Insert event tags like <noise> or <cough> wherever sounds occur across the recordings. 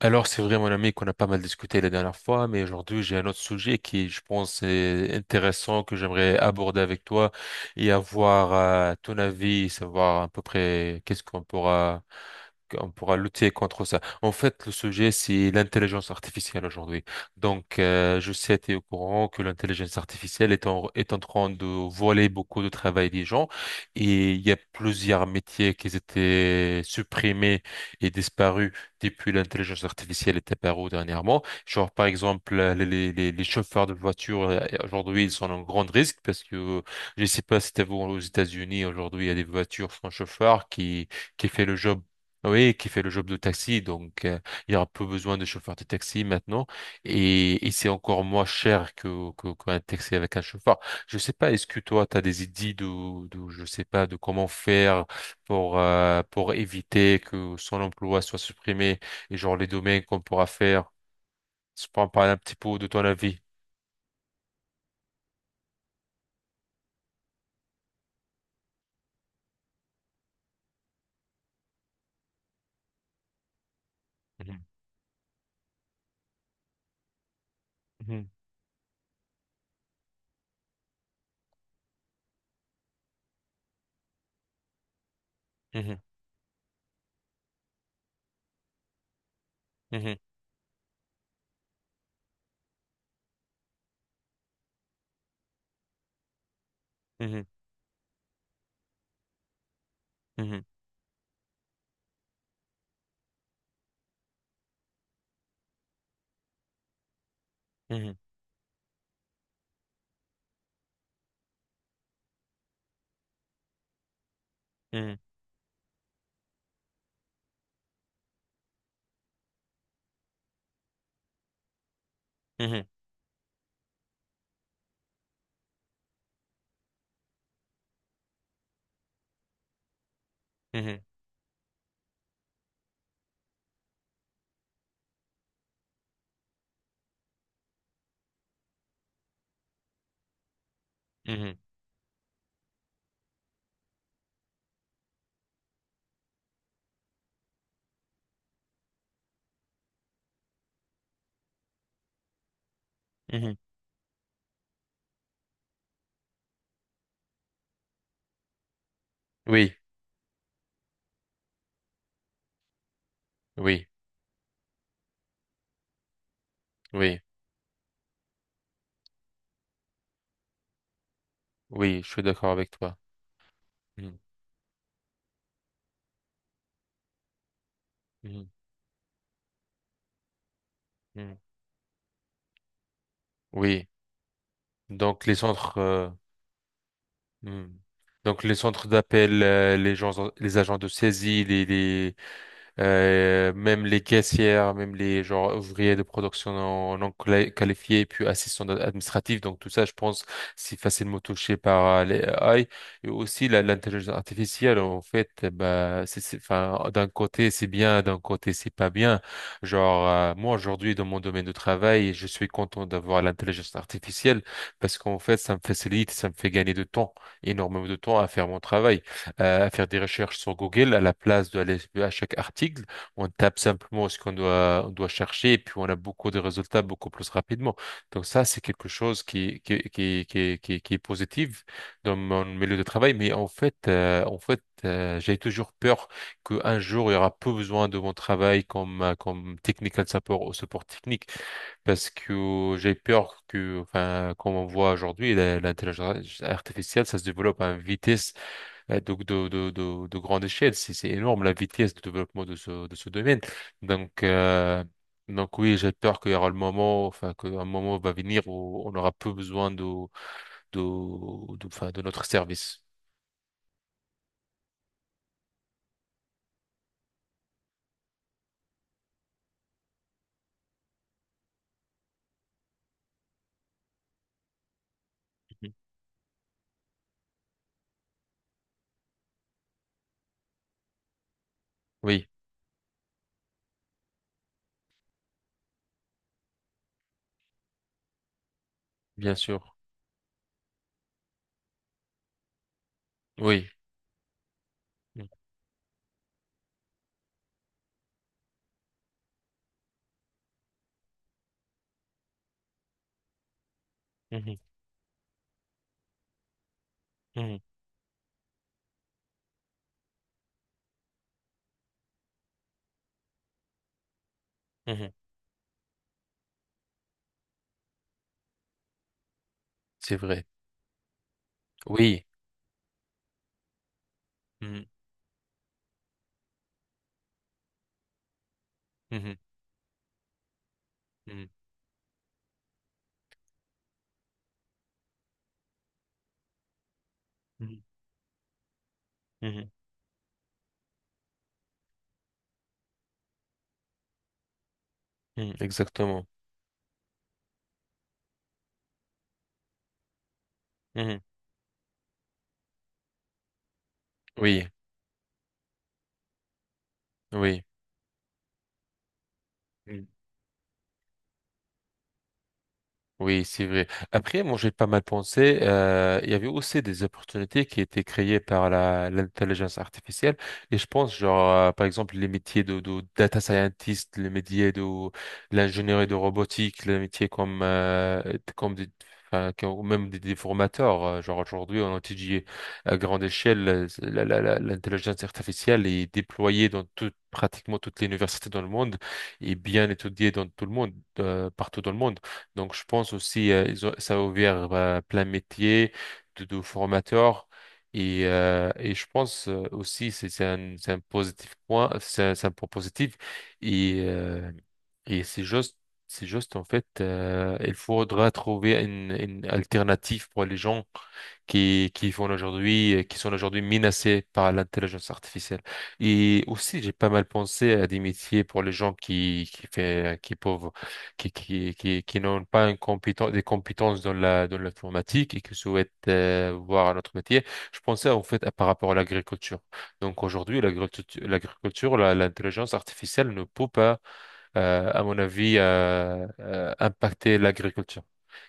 Alors, c'est vrai, mon ami, qu'on a pas mal discuté la dernière fois, mais aujourd'hui, j'ai un autre sujet qui, je pense, est intéressant, que j'aimerais aborder avec toi et avoir ton avis, savoir à peu près qu'est-ce qu'on pourra lutter contre ça. En fait, le sujet, c'est l'intelligence artificielle aujourd'hui. Donc, je sais, tu es au courant que l'intelligence artificielle est en train de voler beaucoup de travail des gens et il y a plusieurs métiers qui étaient supprimés et disparus depuis l'intelligence artificielle est apparue dernièrement. Genre, par exemple, les chauffeurs de voitures, aujourd'hui, ils sont en grand risque parce que je ne sais pas si t'as vu aux États-Unis, aujourd'hui, il y a des voitures sans chauffeur qui fait le job. Oui, qui fait le job de taxi, donc il y aura peu besoin de chauffeurs de taxi maintenant, et c'est encore moins cher que qu'un taxi avec un chauffeur. Je sais pas, est-ce que toi, tu as des idées de, je sais pas, de comment faire pour éviter que son emploi soit supprimé et genre les domaines qu'on pourra faire. Je prends par un petit peu de ton avis. Mhm, mhm, mhm, mhm, mhm, mhm, mhm, mhm, mhm, mhm, mhm, mhm. Oui, oui, oui, oui, je suis d'accord avec toi. Mhm, mhm, mhm. Oui, donc les centres, mhm. Donc les centres d'appel, les gens, les agents de saisie, les même les caissières, même les genre ouvriers de production non qualifiés, puis assistants administratifs. Donc tout ça, je pense, c'est facilement touché par les AI. Et aussi l'intelligence artificielle, en fait, bah, enfin, d'un côté c'est bien, d'un côté c'est pas bien. Genre moi aujourd'hui dans mon domaine de travail, je suis content d'avoir l'intelligence artificielle parce qu'en fait ça me facilite, ça me fait gagner de temps, énormément de temps à faire mon travail à faire des recherches sur Google à la place de aller à chaque article. On tape simplement ce qu'on doit, on doit chercher et puis on a beaucoup de résultats beaucoup plus rapidement. Donc ça, c'est quelque chose qui est positif dans mon milieu de travail. Mais en fait, j'ai toujours peur qu'un jour, il y aura peu besoin de mon travail comme, comme technical support ou support technique parce que j'ai peur que, enfin, comme on voit aujourd'hui, l'intelligence artificielle, ça se développe à une vitesse. Ouais, donc de grande échelle, c'est énorme la vitesse de développement de ce domaine. Donc, donc oui, j'ai peur qu'il y aura le moment, enfin, qu'un moment va venir où on aura peu besoin de, enfin, de notre service. Mhm. Oui, bien sûr. Oui. Mhm, mhm, mhm, mhm. C'est vrai. Oui. Mhm, mhm, mhm, mhm, mhm, mhm. Exactement. Mhm. Oui, oui. Oui, c'est vrai. Après, moi, j'ai pas mal pensé. Il y avait aussi des opportunités qui étaient créées par la l'intelligence artificielle. Et je pense, genre, par exemple, les métiers de data scientist, les métiers de l'ingénierie de robotique, les métiers comme enfin, même des formateurs. Genre aujourd'hui, on étudie à grande échelle l'intelligence artificielle est déployée dans pratiquement toutes les universités dans le monde et bien étudiée dans tout le monde, partout dans le monde. Donc, je pense aussi, ça a ouvert plein de métiers de formateurs. Et, je pense aussi, c'est un point positif. Et, euh, et, c'est juste, en fait, il faudra trouver une alternative pour les gens qui sont aujourd'hui menacés par l'intelligence artificielle. Et aussi, j'ai pas mal pensé à des métiers pour les gens qui fait, qui peuvent qui n'ont pas une des compétences dans l'informatique et qui souhaitent voir un autre métier. Je pensais en fait par rapport à l'agriculture. Donc aujourd'hui, l'agriculture, l'intelligence artificielle ne peut pas, à mon avis, impacter l'agriculture.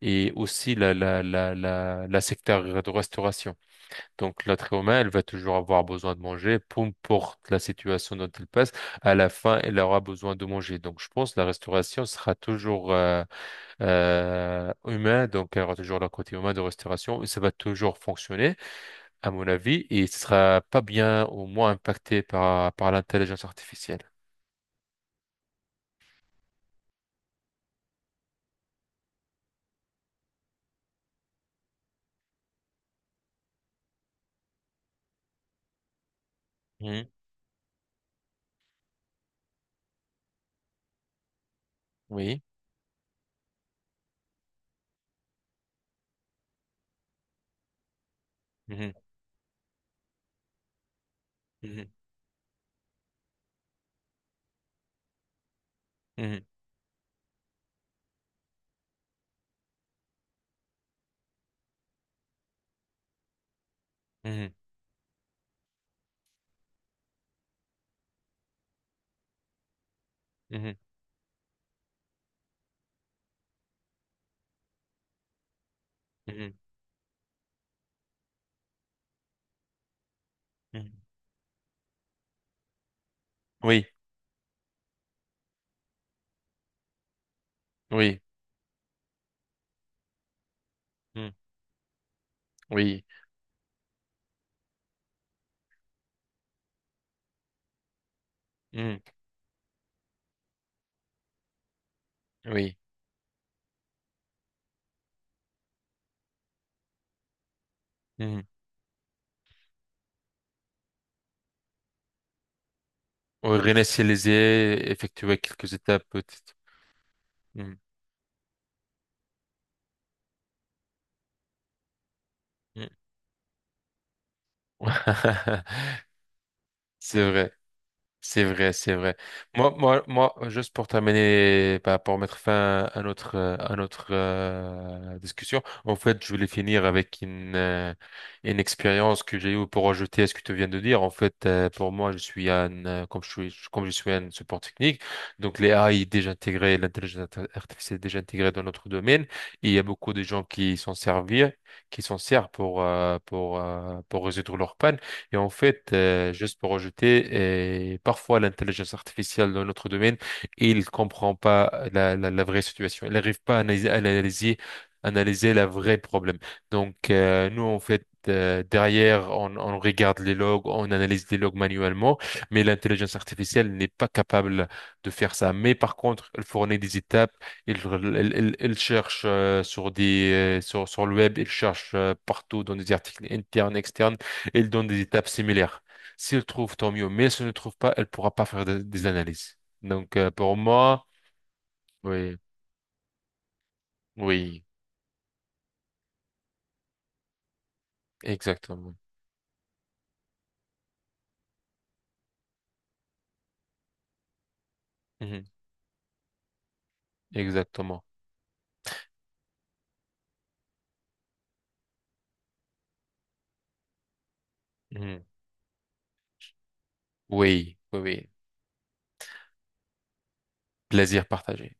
Et aussi la secteur de restauration. Donc, l'être humain, elle va toujours avoir besoin de manger, peu importe la situation dont elle passe, à la fin, elle aura besoin de manger. Donc, je pense que la restauration sera toujours humain, donc elle aura toujours le côté humain de restauration, et ça va toujours fonctionner, à mon avis, et ce sera pas bien ou moins impacté par l'intelligence artificielle. Mhm. Oui. Mhm. Mhm. Mhm. Mhm. Mhm. Mhm. Mhm. Oui, oui, Mhm. Oui, Mhm. Oui. Mhm. Réinitialiser, effectuer quelques étapes, peut-être. Hmm. Hmm. <laughs> C'est vrai. C'est vrai, c'est vrai. Juste pour terminer, bah, pour mettre fin à notre discussion, en fait, je voulais finir avec une expérience que j'ai eue pour ajouter à ce que tu viens de dire. En fait, pour moi, comme je suis un support technique, donc les AI déjà intégrés, l'intelligence artificielle déjà intégrée dans notre domaine, et il y a beaucoup de gens qui s'en servent pour, pour résoudre leurs pannes. Et en fait, juste pour ajouter, parfois l'intelligence artificielle dans notre domaine, il comprend pas la vraie situation. Il n'arrive pas à analyser la vraie problème. Donc, nous, en fait, derrière, on regarde les logs, on analyse les logs manuellement, mais l'intelligence artificielle n'est pas capable de faire ça. Mais par contre, elle fournit des étapes, elle, elle cherche sur le web, elle cherche partout dans des articles internes, externes. Elle donne des étapes similaires. Si elle trouve, tant mieux. Mais si elle ne trouve pas, elle pourra pas faire des analyses. Donc, pour moi, oui, oui, exactement. Mhm, Exactement. Mhm. Oui, oui, oui. Plaisir partagé.